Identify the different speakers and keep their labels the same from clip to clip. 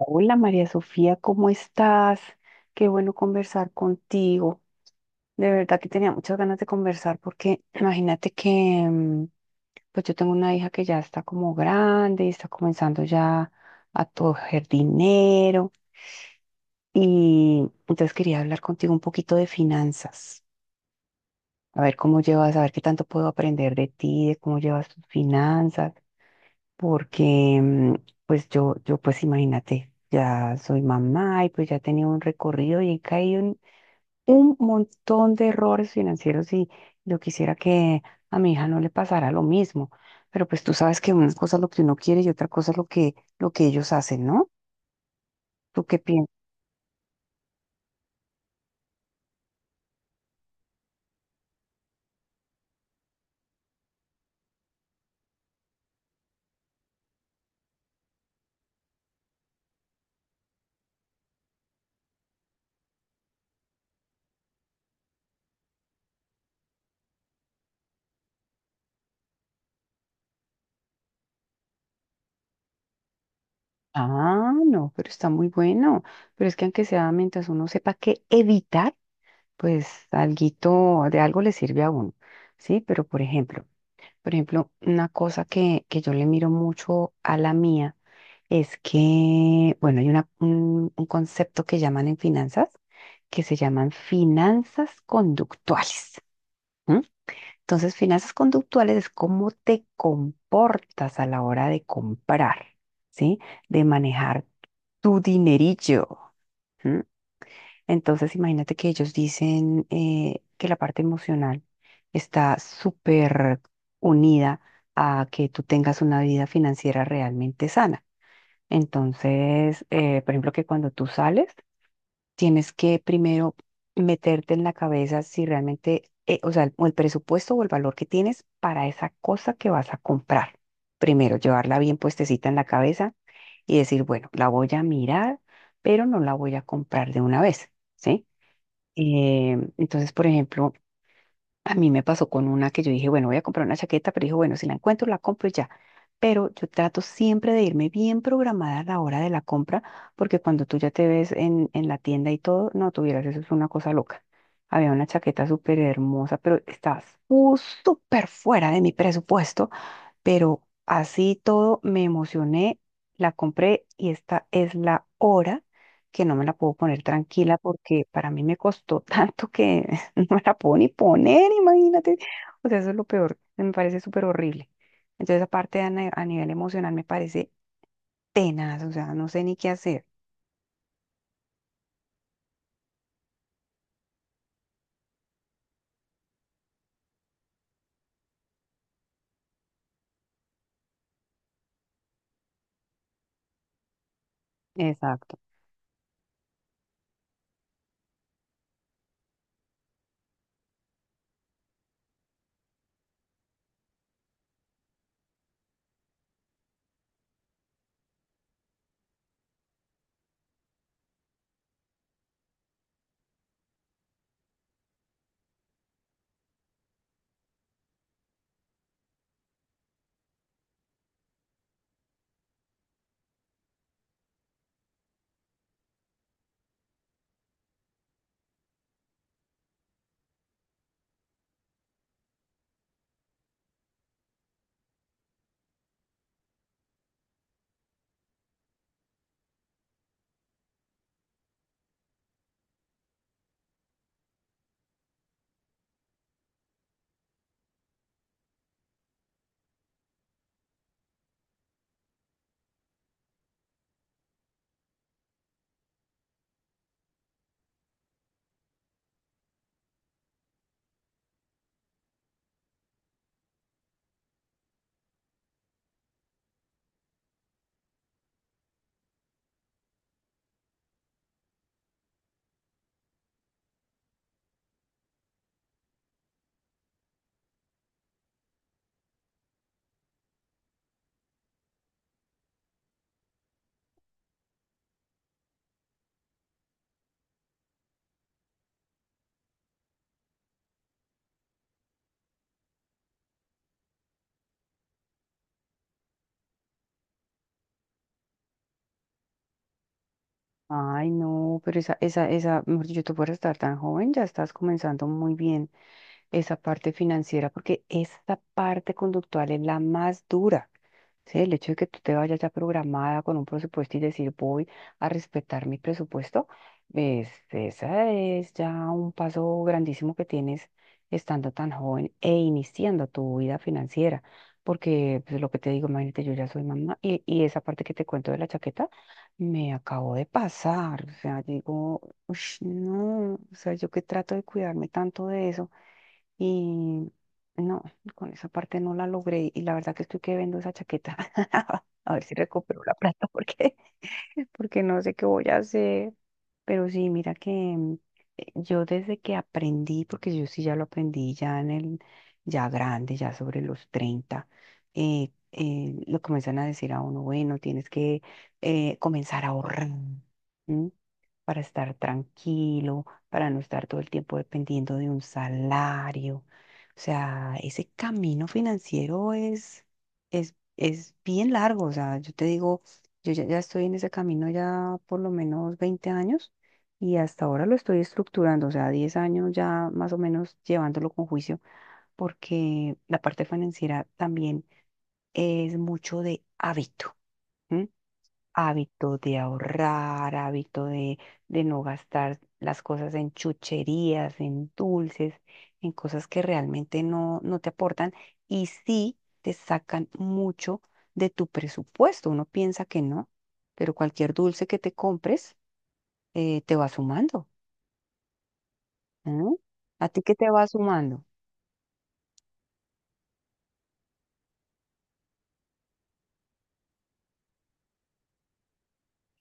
Speaker 1: Hola María Sofía, ¿cómo estás? Qué bueno conversar contigo. De verdad que tenía muchas ganas de conversar porque imagínate que mm, pues yo tengo una hija que ya está como grande y está comenzando ya a coger dinero y entonces quería hablar contigo un poquito de finanzas. A ver cómo llevas, a ver qué tanto puedo aprender de ti, de cómo llevas tus finanzas. Porque pues yo pues imagínate, ya soy mamá y pues ya he tenido un recorrido y he caído en un montón de errores financieros y yo quisiera que a mi hija no le pasara lo mismo, pero pues tú sabes que una cosa es lo que uno quiere y otra cosa es lo que ellos hacen, ¿no? ¿Tú qué piensas? Ah, no, pero está muy bueno, pero es que aunque sea mientras uno sepa qué evitar, pues alguito de algo le sirve a uno, ¿sí? Por ejemplo, una cosa que yo le miro mucho a la mía es que, bueno, hay un concepto que llaman en finanzas, que se llaman finanzas conductuales. ¿M? Entonces, finanzas conductuales es cómo te comportas a la hora de comprar, ¿sí? De manejar tu dinerillo. Entonces, imagínate que ellos dicen que la parte emocional está súper unida a que tú tengas una vida financiera realmente sana. Entonces, por ejemplo, que cuando tú sales, tienes que primero meterte en la cabeza si realmente, o sea, o el presupuesto o el valor que tienes para esa cosa que vas a comprar. Primero, llevarla bien puestecita en la cabeza y decir, bueno, la voy a mirar, pero no la voy a comprar de una vez. ¿Sí? Eh, entonces, por ejemplo, a mí me pasó con una que yo dije, bueno, voy a comprar una chaqueta, pero dije, bueno, si la encuentro, la compro y ya. Pero yo trato siempre de irme bien programada a la hora de la compra, porque cuando tú ya te ves en la tienda y todo, no tuvieras, eso es una cosa loca. Había una chaqueta súper hermosa, pero estaba súper fuera de mi presupuesto, pero así todo me emocioné, la compré y esta es la hora que no me la puedo poner tranquila porque para mí me costó tanto que no me la puedo ni poner, imagínate. O sea, eso es lo peor, me parece súper horrible. Entonces, aparte a, ni- a nivel emocional me parece tenaz, o sea, no sé ni qué hacer. Exacto. Ay, no, pero mejor dicho, tú por estar tan joven, ya estás comenzando muy bien esa parte financiera, porque esta parte conductual es la más dura. ¿Sí? El hecho de que tú te vayas ya programada con un presupuesto y decir voy a respetar mi presupuesto, es, esa es ya un paso grandísimo que tienes estando tan joven e iniciando tu vida financiera. Porque pues, lo que te digo, imagínate, yo ya soy mamá y esa parte que te cuento de la chaqueta me acabó de pasar. O sea, digo, "Ush, no, o sea, yo que trato de cuidarme tanto de eso y no, con esa parte no la logré y la verdad que estoy que vendo esa chaqueta. A ver si recupero la plata porque, porque no sé qué voy a hacer. Pero sí, mira que yo desde que aprendí, porque yo sí ya lo aprendí ya ya grande, ya sobre los 30, lo comienzan a decir a uno, bueno, tienes que comenzar a ahorrar. ¿M? Para estar tranquilo, para no estar todo el tiempo dependiendo de un salario. O sea, ese camino financiero es bien largo. O sea, yo te digo, yo ya, ya estoy en ese camino ya por lo menos 20 años y hasta ahora lo estoy estructurando. O sea, 10 años ya más o menos llevándolo con juicio porque la parte financiera también es mucho de hábito. ¿M? Hábito de ahorrar, hábito de no gastar las cosas en chucherías, en dulces, en cosas que realmente no, no te aportan y sí te sacan mucho de tu presupuesto. Uno piensa que no, pero cualquier dulce que te compres te va sumando. ¿No? ¿A ti qué te va sumando?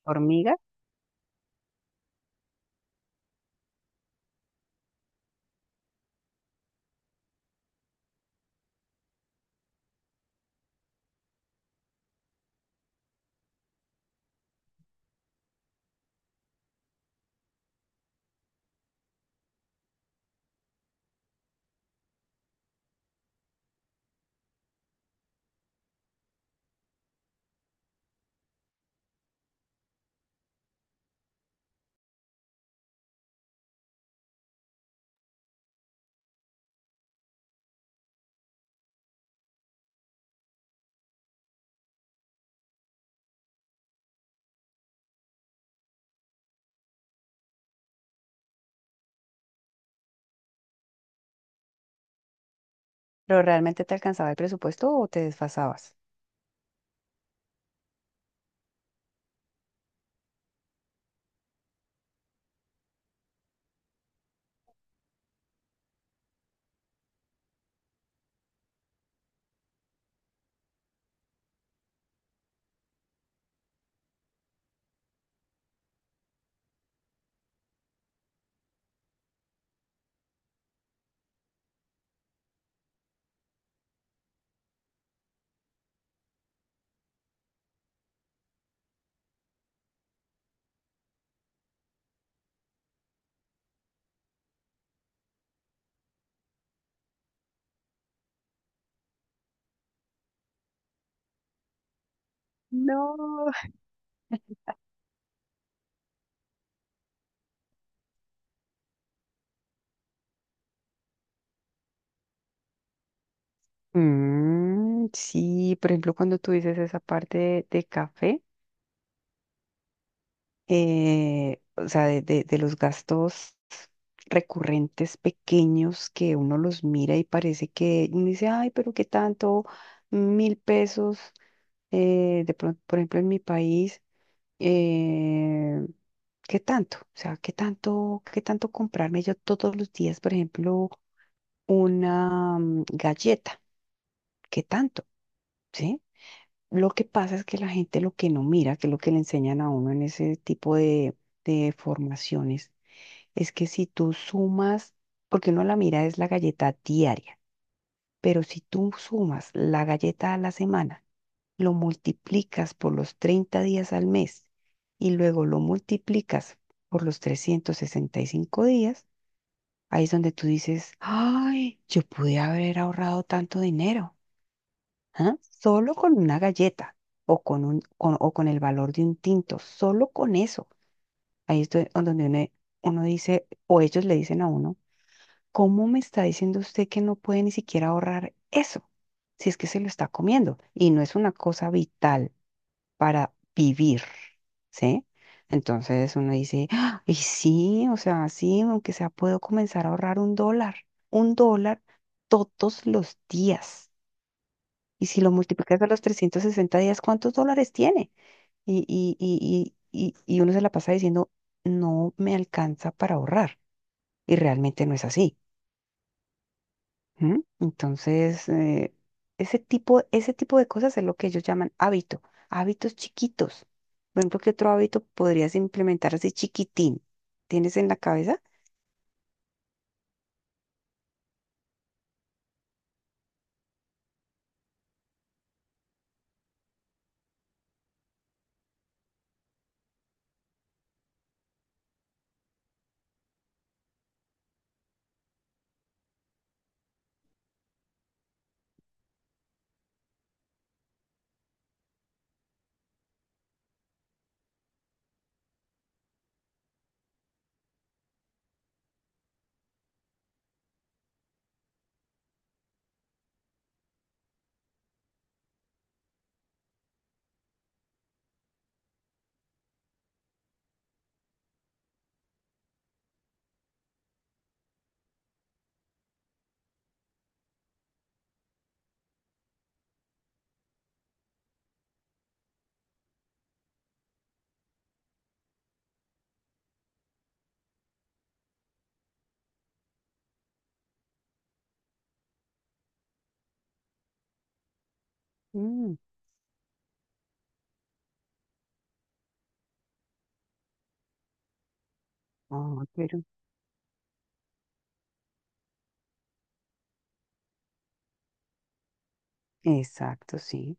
Speaker 1: ¿Hormiga? ¿Pero realmente te alcanzaba el presupuesto o te desfasabas? No. Mm, sí, por ejemplo, cuando tú dices esa parte de café, o sea, de los gastos recurrentes pequeños que uno los mira y parece que uno dice, ay, pero qué tanto, 1.000 pesos, de pronto, por ejemplo, en mi país, eh, ¿qué tanto? O sea, qué tanto comprarme yo todos los días, por ejemplo, una galleta? ¿Qué tanto? ¿Sí? Lo que pasa es que la gente lo que no mira, que es lo que le enseñan a uno en ese tipo de formaciones, es que si tú sumas, porque uno la mira es la galleta diaria, pero si tú sumas la galleta a la semana, lo multiplicas por los 30 días al mes y luego lo multiplicas por los 365 días, ahí es donde tú dices, ay, yo pude haber ahorrado tanto dinero. ¿Ah? Solo con una galleta o con un, con- o con el valor de un tinto, solo con eso. Ahí es donde uno, dice, o ellos le dicen a uno, ¿cómo me está diciendo usted que no puede ni siquiera ahorrar eso? Si es que se lo está comiendo y no es una cosa vital para vivir, ¿sí? Entonces uno dice, "Ah, y sí, o sea, sí, aunque sea, puedo comenzar a ahorrar $1, $1 todos los días. Y si lo multiplicas a los 360 días, ¿cuántos dólares tiene? Y uno se la pasa diciendo, no me alcanza para ahorrar. Y realmente no es así. ¿M? Entonces, ese tipo de cosas es lo que ellos llaman hábito, hábitos chiquitos. Por ejemplo, ¿qué otro hábito podrías implementar así chiquitín? ¿Tienes en la cabeza? Mm, ah, pero. Exacto, sí.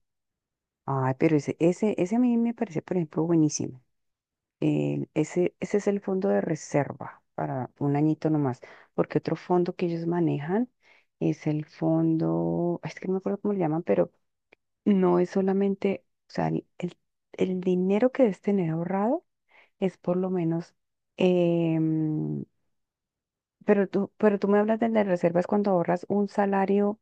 Speaker 1: Ay, pero ese a mí me parece, por ejemplo, buenísimo. Ese es el fondo de reserva para un añito nomás, porque otro fondo que ellos manejan es el fondo, es que no me acuerdo cómo le llaman, pero no es solamente, o sea, el dinero que debes tener ahorrado es por lo menos, em, pero tú me hablas de las reservas cuando ahorras un salario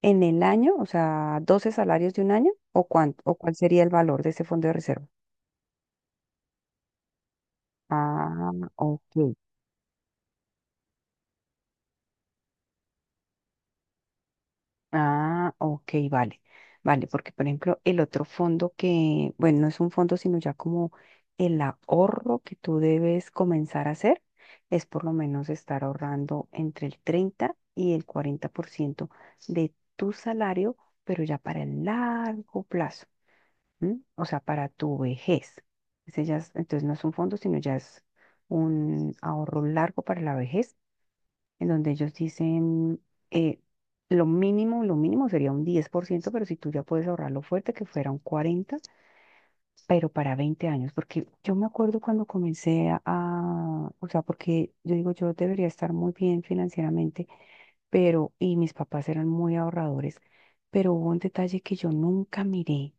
Speaker 1: en el año, o sea, 12 salarios de un año, o cuánto, o cuál sería el valor de ese fondo de reserva. Ah, ok. Ah, ok, vale, vale, porque por ejemplo el otro fondo que, bueno, no es un fondo, sino ya como el ahorro que tú debes comenzar a hacer, es por lo menos estar ahorrando entre el 30 y el 40% de tu salario, pero ya para el largo plazo, ¿m? O sea, para tu vejez. Ese ya es- entonces no es un fondo, sino ya es un ahorro largo para la vejez en donde ellos dicen, eh, lo mínimo sería un 10%, pero si tú ya puedes ahorrarlo fuerte, que fuera un 40%, pero para 20 años, porque yo me acuerdo cuando comencé o sea, porque yo digo, yo debería estar muy bien financieramente, pero, y mis papás eran muy ahorradores, pero hubo un detalle que yo nunca miré.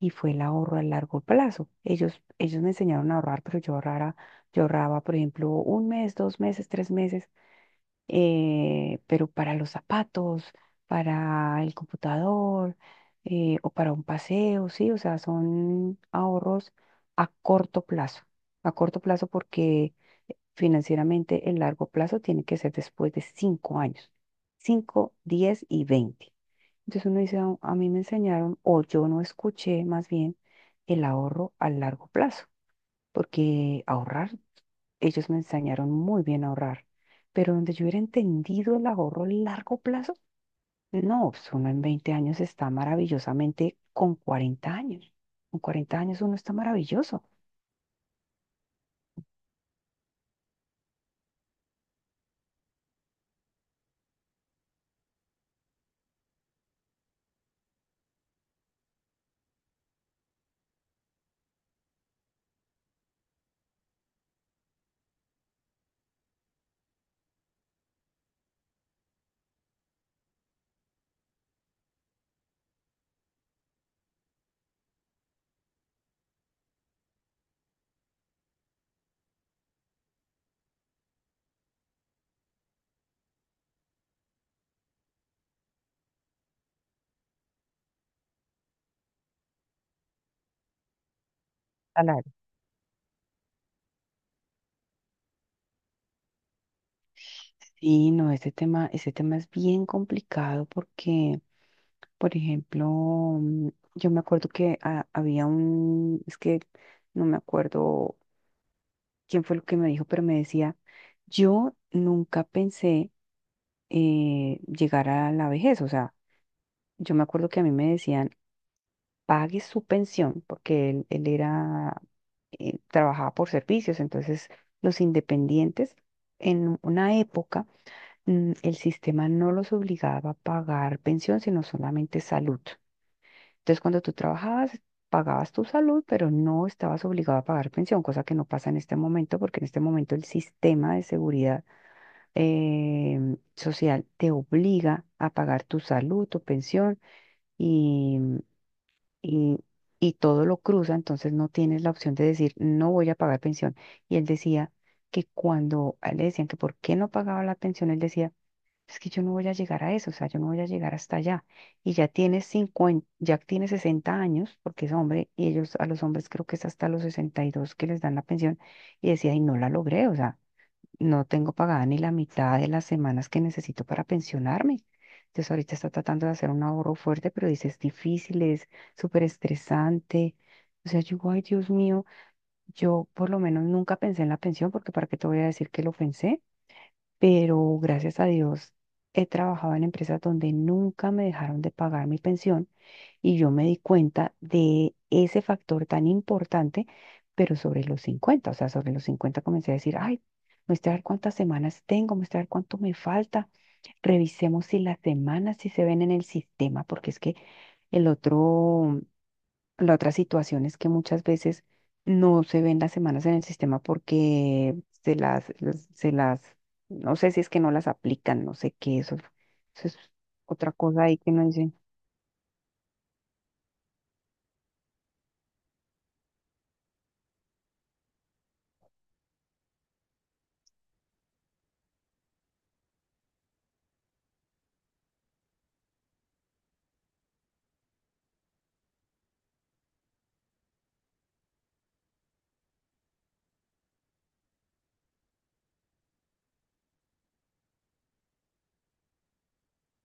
Speaker 1: Y fue el ahorro a largo plazo. Ellos me enseñaron a ahorrar, pero yo ahorraba, por ejemplo, un mes, 2 meses, 3 meses, pero para los zapatos, para el computador, o para un paseo, sí, o sea, son ahorros a corto plazo, a corto plazo porque financieramente el largo plazo tiene que ser después de 5 años, 5, 10 y 20. Entonces uno dice, "Ah, a mí me enseñaron, o yo no escuché más bien el ahorro a largo plazo porque ahorrar, ellos me enseñaron muy bien a ahorrar, pero donde yo hubiera entendido el ahorro a largo plazo, no, pues uno en 20 años está maravillosamente con 40 años. Con 40 años uno está maravilloso. Claro. Sí, no, ese tema es bien complicado porque, por ejemplo, yo me acuerdo que es que no me acuerdo quién fue lo que me dijo, pero me decía, yo nunca pensé, llegar a la vejez. O sea, yo me acuerdo que a mí me decían, pague su pensión, porque él era, trabajaba por servicios. Entonces, los independientes, en una época, el sistema no los obligaba a pagar pensión, sino solamente salud. Entonces, cuando tú trabajabas, pagabas tu salud, pero no estabas obligado a pagar pensión, cosa que no pasa en este momento, porque en este momento el sistema de seguridad social te obliga a pagar tu salud, tu pensión y, y, y todo lo cruza, entonces no tienes la opción de decir no voy a pagar pensión. Y él decía que cuando a él le decían que por qué no pagaba la pensión, él decía, es que yo no voy a llegar a eso, o sea, yo no voy a llegar hasta allá. Y ya tiene 50, ya tiene 60 años, porque es hombre, y ellos a los hombres creo que es hasta los 62 que les dan la pensión, y decía, y no la logré, o sea, no tengo pagada ni la mitad de las semanas que necesito para pensionarme. Entonces ahorita está tratando de hacer un ahorro fuerte, pero dice, es difícil, es súper estresante. O sea, yo digo, ay Dios mío, yo por lo menos nunca pensé en la pensión, porque para qué te voy a decir que lo pensé, pero gracias a Dios he trabajado en empresas donde nunca me dejaron de pagar mi pensión y yo me di cuenta de ese factor tan importante, pero sobre los 50, o sea, sobre los 50 comencé a decir, ay, muestra a ver cuántas semanas tengo, muestra a ver cuánto me falta, revisemos si las semanas si se ven en el sistema, porque es que el otro, la otra situación es que muchas veces no se ven las semanas en el sistema porque se las, no sé si es que no las aplican, no sé qué, eso es otra cosa ahí que no dicen.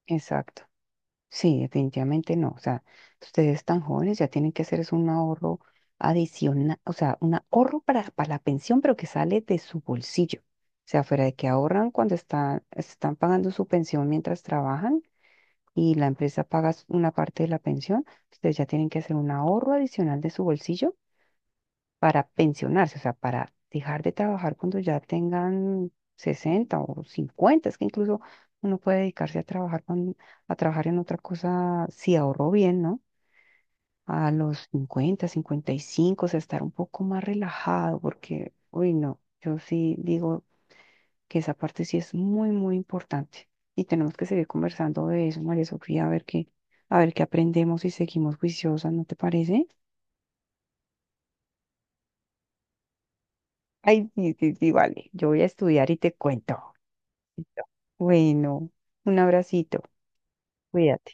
Speaker 1: Exacto. Sí, definitivamente no. O sea, ustedes tan jóvenes ya tienen que hacer es un ahorro adicional, o sea, un ahorro para la pensión, pero que sale de su bolsillo. O sea, fuera de que ahorran cuando están pagando su pensión mientras trabajan y la empresa paga una parte de la pensión, ustedes ya tienen que hacer un ahorro adicional de su bolsillo para pensionarse, o sea, para dejar de trabajar cuando ya tengan 60 o 50. Es que incluso uno puede dedicarse a trabajar en otra cosa si ahorró bien, ¿no? A los 50, 55, o sea, estar un poco más relajado, porque, uy, no, yo sí digo que esa parte sí es muy, muy importante. Y tenemos que seguir conversando de eso, María Sofía, a ver qué, aprendemos y seguimos juiciosas, ¿no te parece? Ay, sí, sí, sí, vale. Yo voy a estudiar y te cuento. Listo. Bueno, un abracito. Cuídate.